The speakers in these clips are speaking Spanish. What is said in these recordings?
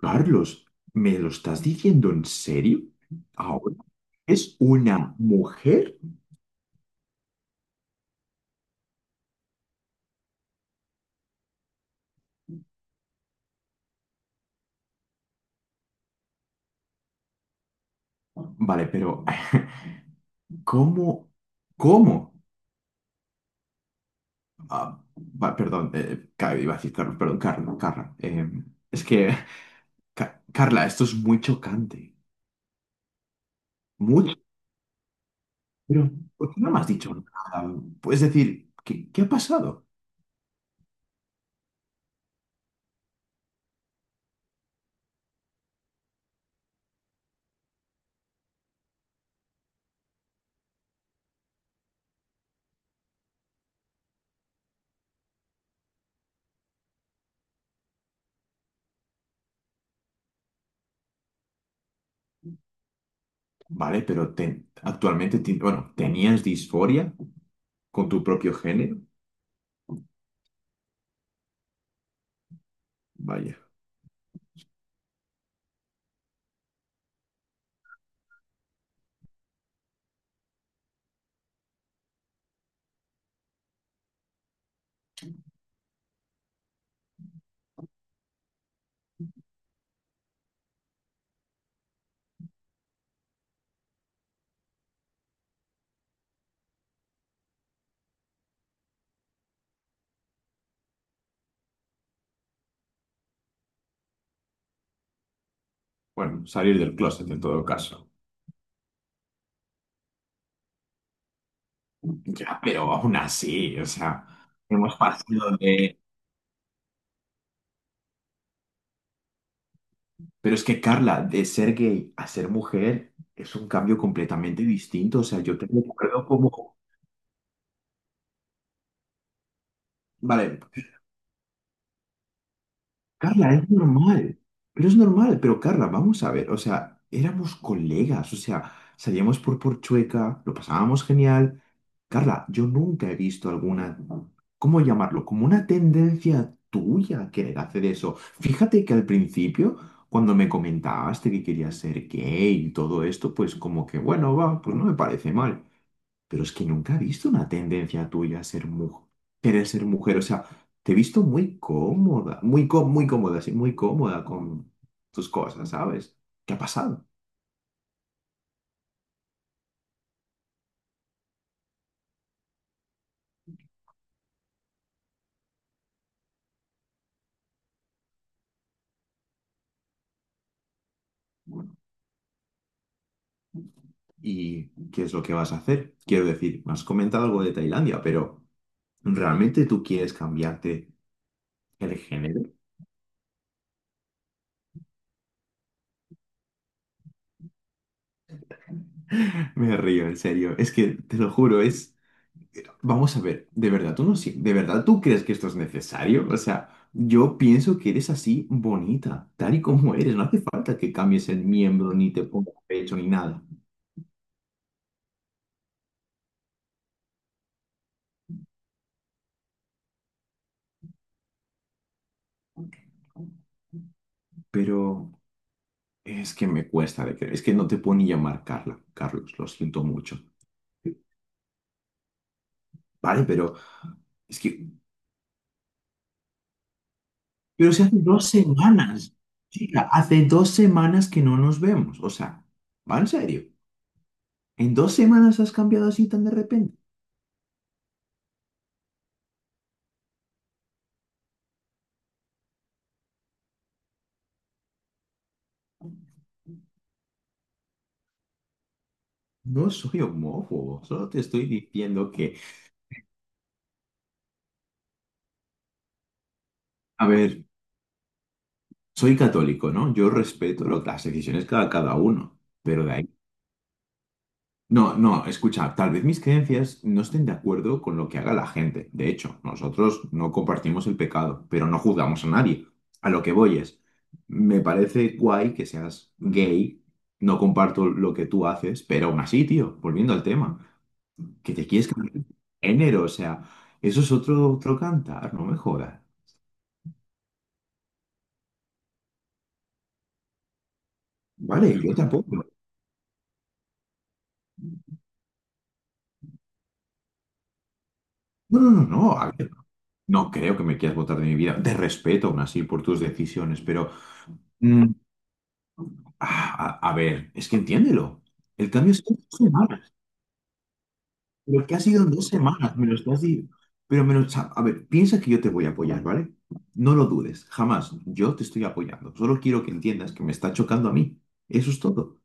Carlos, ¿me lo estás diciendo en serio? Ahora es una mujer. Vale, pero ¿cómo? ¿Cómo? Ah, va, perdón, iba a decir Carlos, perdón, Carla, Carla. Es que, Carla, esto es muy chocante. Mucho. Pero ¿por qué no me has dicho nada? Puedes decir, ¿qué ha pasado? Vale, pero actualmente, bueno, ¿tenías disforia con tu propio género? Vaya. Bueno, salir del closet en todo caso. Ya, pero aún así, o sea, hemos pasado de... Pero es que, Carla, de ser gay a ser mujer es un cambio completamente distinto. O sea, yo te recuerdo como... Vale, Carla, es normal, pero Carla, vamos a ver, o sea, éramos colegas, o sea, salíamos por Porchueca, lo pasábamos genial. Carla, yo nunca he visto alguna, ¿cómo llamarlo? Como una tendencia tuya a querer hacer eso. Fíjate que al principio, cuando me comentaste que querías ser gay y todo esto, pues como que, bueno, va, pues no me parece mal. Pero es que nunca he visto una tendencia tuya a ser mujer, querer ser mujer. O sea, te he visto muy cómoda, muy, muy cómoda, sí, muy cómoda con tus cosas, ¿sabes? ¿Qué ha pasado? ¿Y qué es lo que vas a hacer? Quiero decir, me has comentado algo de Tailandia, pero ¿realmente tú quieres cambiarte el género? Me río, en serio. Es que te lo juro, es. Vamos a ver, ¿de verdad tú no sí? ¿De verdad tú crees que esto es necesario? O sea, yo pienso que eres así bonita, tal y como eres. No hace falta que cambies el miembro, ni te pongas pecho, ni nada. Pero es que me cuesta de creer. Es que no te puedo ni llamar Carla, Carlos, lo siento mucho. Vale, pero es que, pero si hace dos semanas, chica, hace dos semanas que no nos vemos. O sea, va en serio. ¿En dos semanas has cambiado así tan de repente? No soy homófobo, solo te estoy diciendo que, a ver, soy católico, ¿no? Yo respeto las decisiones cada uno, pero de ahí... No, no, escucha, tal vez mis creencias no estén de acuerdo con lo que haga la gente. De hecho, nosotros no compartimos el pecado, pero no juzgamos a nadie. A lo que voy es, me parece guay que seas gay, no comparto lo que tú haces, pero aún así, tío, volviendo al tema, que te quieres cambiar de género, o sea, eso es otro, otro cantar, no me jodas. Vale, yo tampoco. No, no, no, no. A ver, no creo que me quieras votar de mi vida. Te respeto aún así por tus decisiones, pero mm, a ver, es que entiéndelo. El cambio es en dos semanas. Lo que ha sido en dos semanas, me lo estás diciendo. Pero me lo, a ver, piensa que yo te voy a apoyar, ¿vale? No lo dudes, jamás. Yo te estoy apoyando. Solo quiero que entiendas que me está chocando a mí. Eso es todo.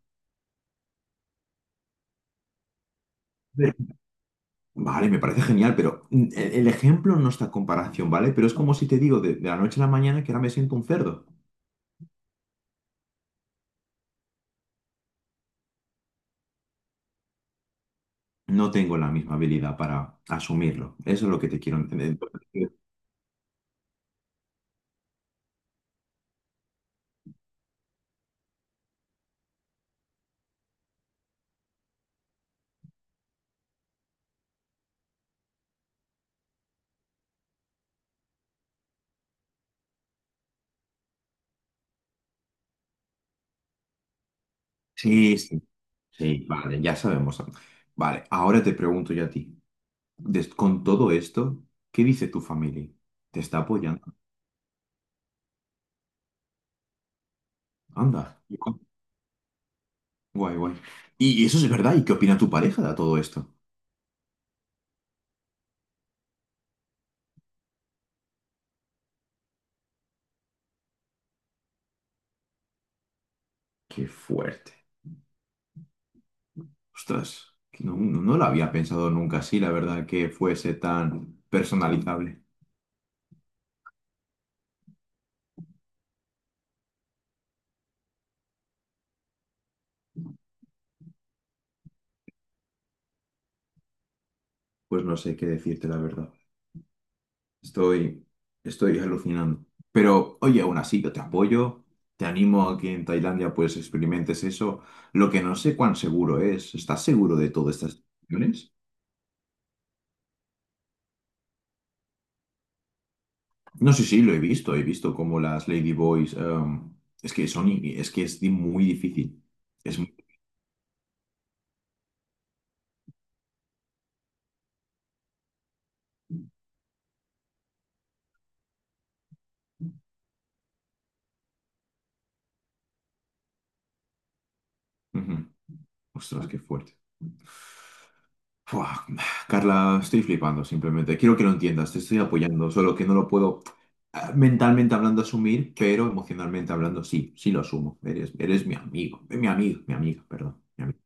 Pero- Vale, me parece genial, pero el ejemplo no está a comparación, ¿vale? Pero es como si te digo de la noche a la mañana que ahora me siento un cerdo. No tengo la misma habilidad para asumirlo. Eso es lo que te quiero entender. Sí, sí, sí, vale, ya sabemos. Vale, ahora te pregunto yo a ti. Des- con todo esto, ¿qué dice tu familia? ¿Te está apoyando? Anda, guay, guay. Y eso es verdad. ¿Y qué opina tu pareja de todo esto? Qué fuerte. Ostras, que no, no, no lo había pensado nunca así, la verdad, que fuese tan personalizable. Pues no sé qué decirte, la verdad. Estoy, estoy alucinando. Pero oye, aún así, yo te apoyo, te animo a que en Tailandia pues experimentes eso. Lo que no sé cuán seguro es, ¿estás seguro de todas estas situaciones? No sé sí lo he visto como las Ladyboys, es que son, es que es muy difícil. Es, muy- Ujú. Ostras, qué fuerte. Fua, Carla, estoy flipando simplemente. Quiero que lo entiendas, te estoy apoyando, solo que no lo puedo mentalmente hablando asumir, pero emocionalmente hablando sí, sí lo asumo. Eres mi amigo, mi amigo, mi amiga, perdón. Mi amiga.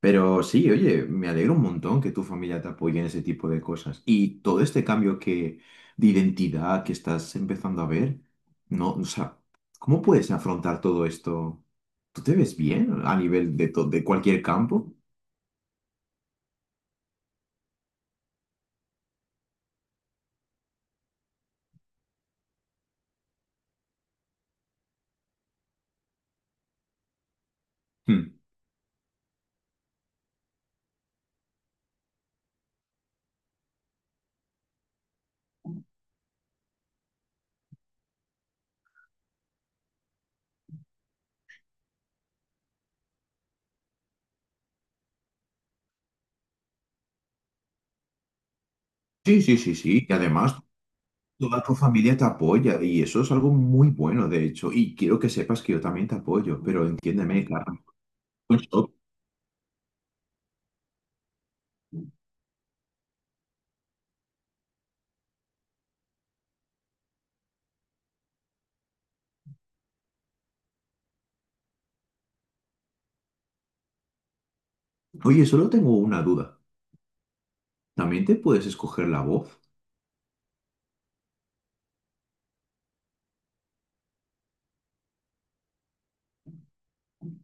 Pero sí, oye, me alegro un montón que tu familia te apoye en ese tipo de cosas. Y todo este cambio que, de identidad que estás empezando a ver, no, o sea, ¿cómo puedes afrontar todo esto? ¿Tú te ves bien a nivel de, de cualquier campo? Hmm. Sí, sí, sí, sí. Y además, toda tu familia te apoya y eso es algo muy bueno, de hecho. Y quiero que sepas que yo también te apoyo, pero entiéndeme, Carla. Pues, o- Oye, solo tengo una duda. ¿También te puedes escoger la voz?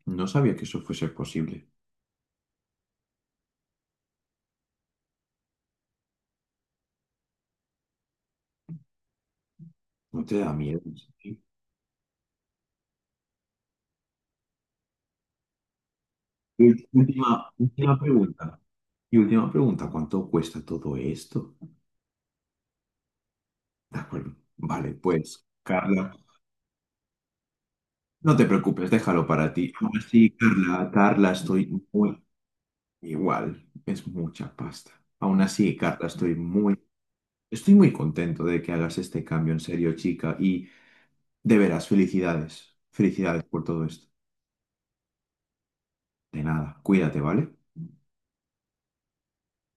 No sabía que eso fuese posible. ¿No te da miedo? Sí. Y última pregunta. Y última pregunta, ¿cuánto cuesta todo esto? De acuerdo. Vale, pues, Carla, no te preocupes, déjalo para ti. Aún así, Carla, Carla, estoy muy igual. Es mucha pasta. Aún así, Carla, estoy muy estoy muy contento de que hagas este cambio en serio, chica, y de veras, felicidades. Felicidades por todo esto. De nada, cuídate, ¿vale?